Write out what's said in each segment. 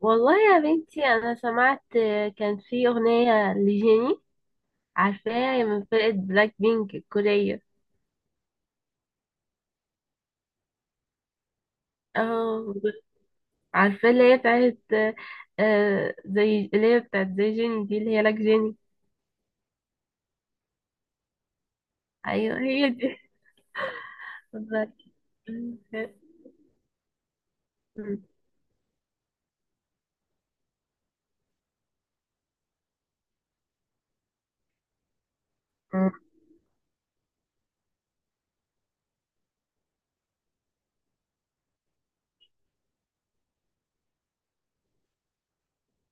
والله يا بنتي انا سمعت كان في اغنيه لجيني، عارفاها من فرقه بلاك بينك الكوريه. اه، عارفه اللي هي بتاعت زي اللي هي بتاعت زي جيني دي اللي هي لك جيني. ايوه هي دي. والله. أمم،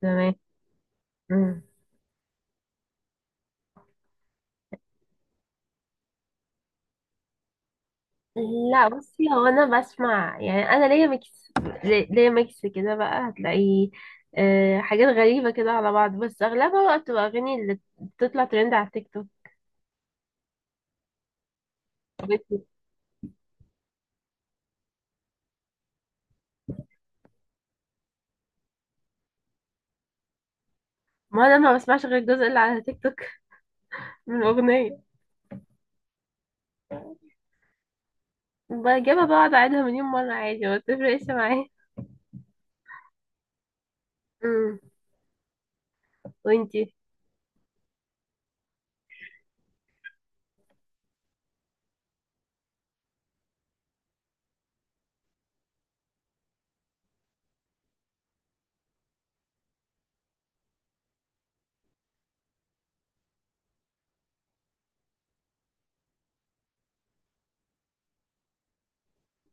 تمام. أمم. لا بصي، هو انا بسمع يعني انا ليا ميكس، ليا ميكس كده بقى. هتلاقي حاجات غريبة كده على بعض، بس أغلبها بقى بتبقى أغاني اللي بتطلع ترند على التيك توك. عجبتني. ما انا ما بسمعش غير الجزء اللي على تيك توك من الاغنيه. بجيبها بقعد اعيدها مليون مره عادي، ما بتفرقش معايا. امم. وانتي؟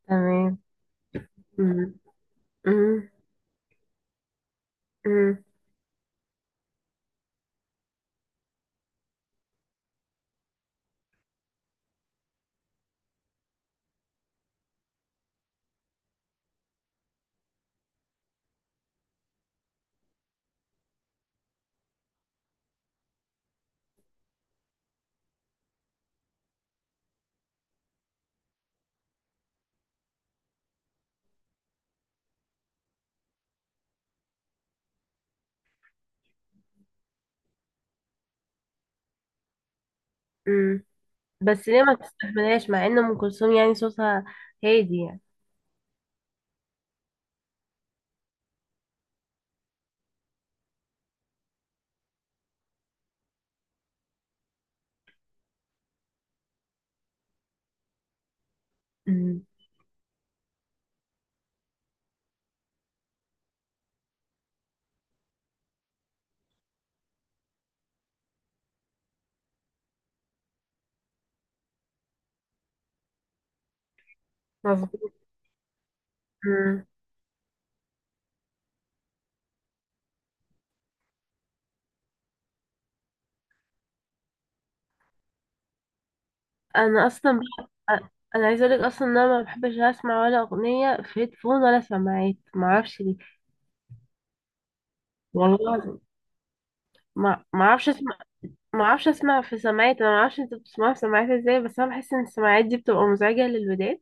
تمام. امم. امم. امم. امم. بس ليه ما بتستحملهاش مع ان ام كلثوم يعني صوتها هادي يعني؟ امم. مظبوط. امم. انا اصلا بح... انا عايزه اقولك اصلا ان انا ما بحبش اسمع ولا اغنيه في هيدفون ولا سماعات، ما اعرفش ليه. والله العظيم ما اعرفش. ما اعرفش اسمع في سماعات، انا ما اعرفش انت بتسمعها في سماعات ازاي، بس انا بحس ان السماعات دي بتبقى مزعجه للودان.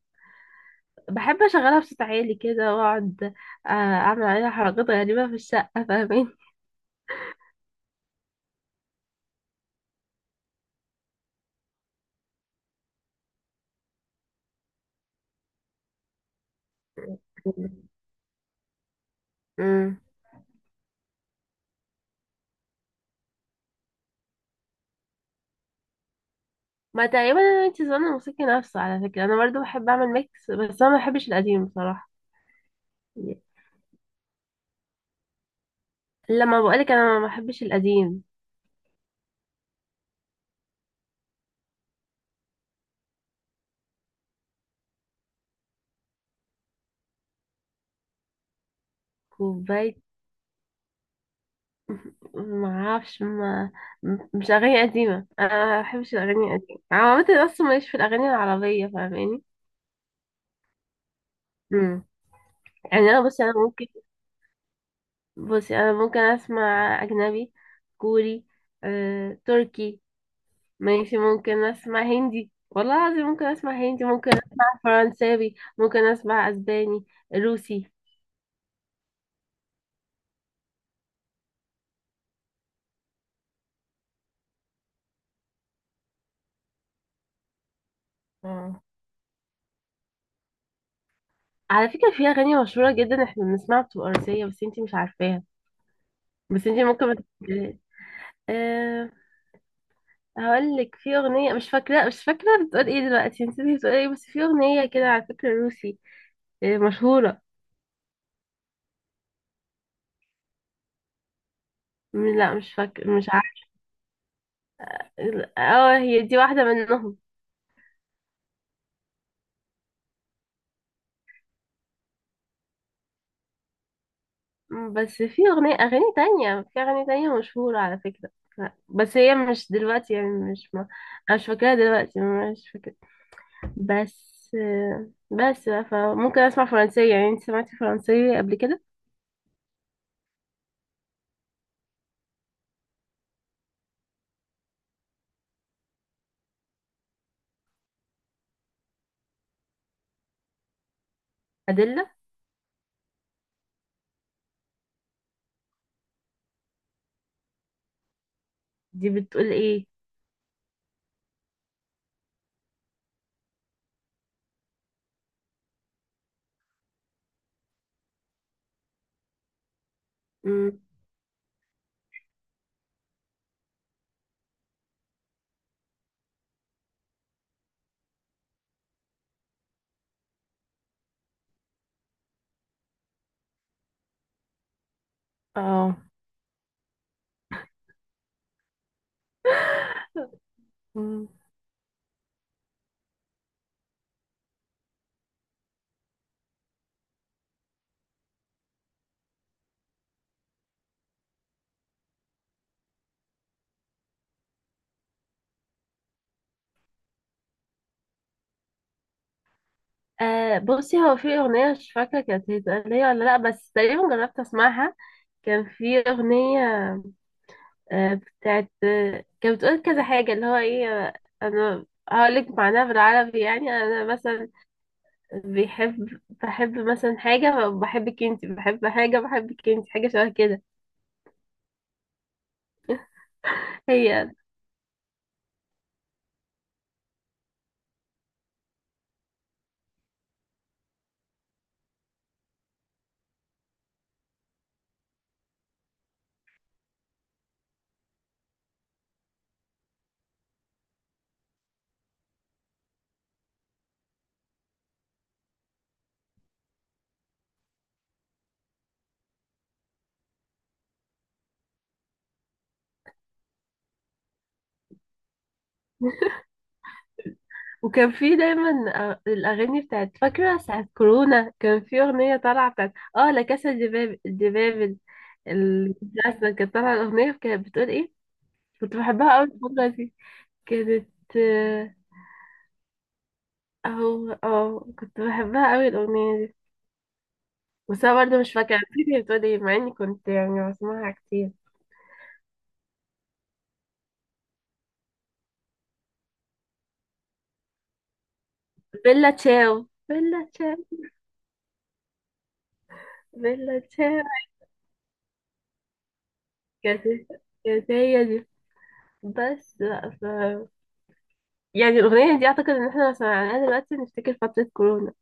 بحب اشغلها بصوت عالي كده واقعد اعمل عليها حركات غريبه في الشقه، فاهمين. امم. ما تقريبا انا انت زمان الموسيقى نفسه، على فكره انا برضو بحب اعمل ميكس، بس انا ما بحبش القديم بصراحه. لما بقولك انا ما بحبش القديم. كوبايه. ما اعرفش. ما مش اغاني قديمه، انا ما بحبش الاغاني القديمه، انا عامه اصلا ماليش في الاغاني العربيه، فاهماني. يعني انا بصي انا ممكن، بصي انا ممكن اسمع اجنبي. كوري، تركي. ماشي ممكن اسمع هندي، والله العظيم ممكن اسمع هندي، ممكن اسمع فرنساوي، ممكن اسمع اسباني، روسي. اه. على فكرة في اغاني مشهورة جدا احنا بنسمعها بتبقى روسية، بس انتي مش عارفاها، بس انتي ممكن ما تفتكريهاش. أه، هقول لك في اغنية، مش فاكرة مش فاكرة بتقول ايه، دلوقتي نسيت بتقول ايه، بس في اغنية كده على فكرة روسي، مشهورة. لا مش فاكرة مش عارفة. اه هي دي واحدة منهم. بس في أغنية، أغاني تانية، في أغاني تانية مشهورة على فكرة. لا، بس هي مش دلوقتي يعني مش ما، أنا مش فاكراها دلوقتي. مش فاكرة. بس. بس بقى، فممكن أسمع فرنسية، يعني أنت سمعتي فرنسية قبل كده؟ أدلة. دي بتقول إيه؟ مم، اه. مم. آه بصي هو في أغنية مش فاكرة كانت هي ولا لأ، بس تقريبا جربت أسمعها. كان في أغنية آه، بتاعت، كانت بتقول كذا حاجة، اللي هو ايه انا هقولك معناها بالعربي، يعني انا مثلا بيحب بحب مثلا حاجة بحبك انتي، بحب حاجة بحبك انتي، حاجة شبه كده. هي. وكان في دايما الأغاني بتاعت، فاكرة ساعة كورونا كان في أغنية طالعة بتاعت، اه لا كاسا دي دي بابل. ال- أصلا كانت طالعة الأغنية، كانت بتقول ايه، كنت بحبها أوي الفترة دي. كانت آه، اهو اه كنت بحبها أوي الأغنية دي، بس انا برضه مش فاكره، نسيت هي بتقول ايه مع اني كنت يعني بسمعها كتير. بيلا تشاو، بيلا تشاو، بيلا تشاو. كانت، كانت هي دي. بس لا ف... يعني الاغنيه دي اعتقد ان احنا لو سمعناها دلوقتي نفتكر فتره كورونا.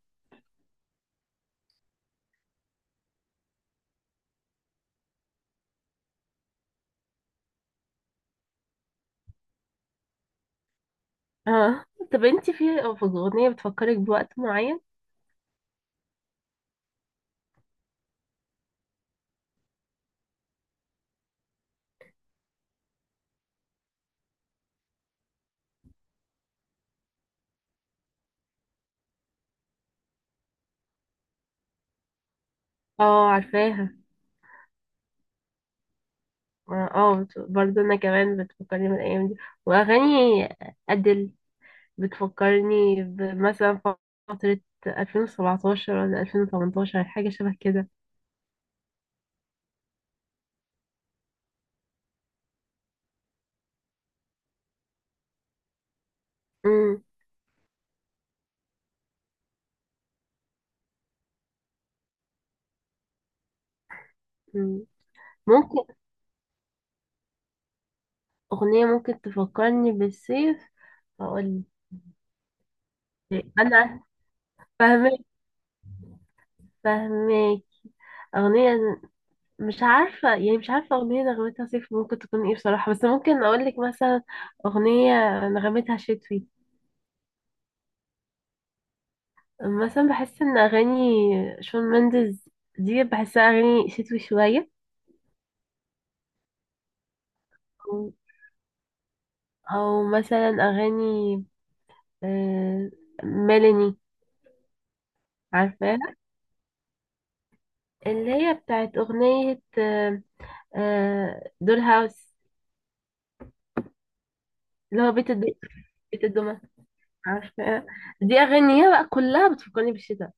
اه. طب انتي في، في اغنيه بتفكرك بوقت معين؟ اه عارفاها. اه، برضه انا كمان بتفكرني بالايام دي. واغاني ادل بتفكرني بمثلا فتره 2017 ولا 2018، حاجه شبه كده. مم. مم. ممكن. أغنية ممكن تفكرني بالصيف. أقول. أنا فاهمك. فاهمك. أغنية. مش عارفة يعني، مش عارفة أغنية نغمتها صيف ممكن تكون إيه بصراحة، بس ممكن أقول لك مثلا أغنية نغمتها شتوي. مثلا بحس إن أغاني شون مندز دي بحسها أغاني شتوي شوية. أو، أو مثلا أغاني آه، ميلاني. عارفاها، اللي هي بتاعت أغنية دول هاوس، اللي هو بيت الدو، بيت الدمى. عارفة. دي أغانيها بقى كلها بتفكرني بالشتاء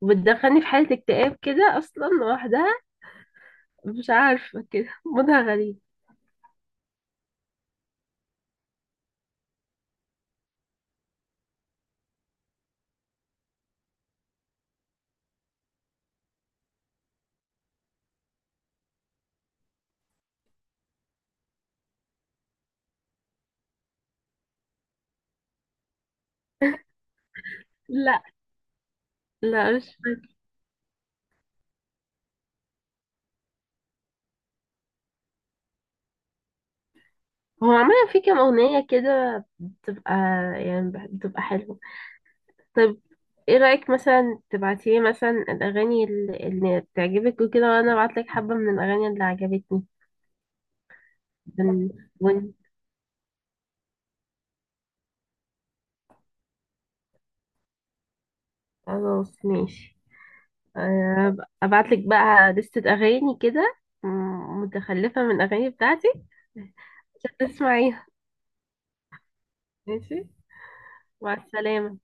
وبتدخلني في حالة اكتئاب كده أصلا لوحدها، مش عارفة كده مودها غريب. لا. لا مش فاكرة. هو عمل في كام أغنية كده بتبقى يعني بتبقى حلوة. طب ايه رأيك مثلا تبعتيلي مثلا الأغاني اللي بتعجبك وكده، وأنا أبعتلك حبة من الأغاني اللي عجبتني؟ ون، ون- خلاص ماشي. ابعت لك بقى لستة اغاني كده، متخلفة من الاغاني بتاعتي عشان تسمعيها. ماشي. مع السلامة.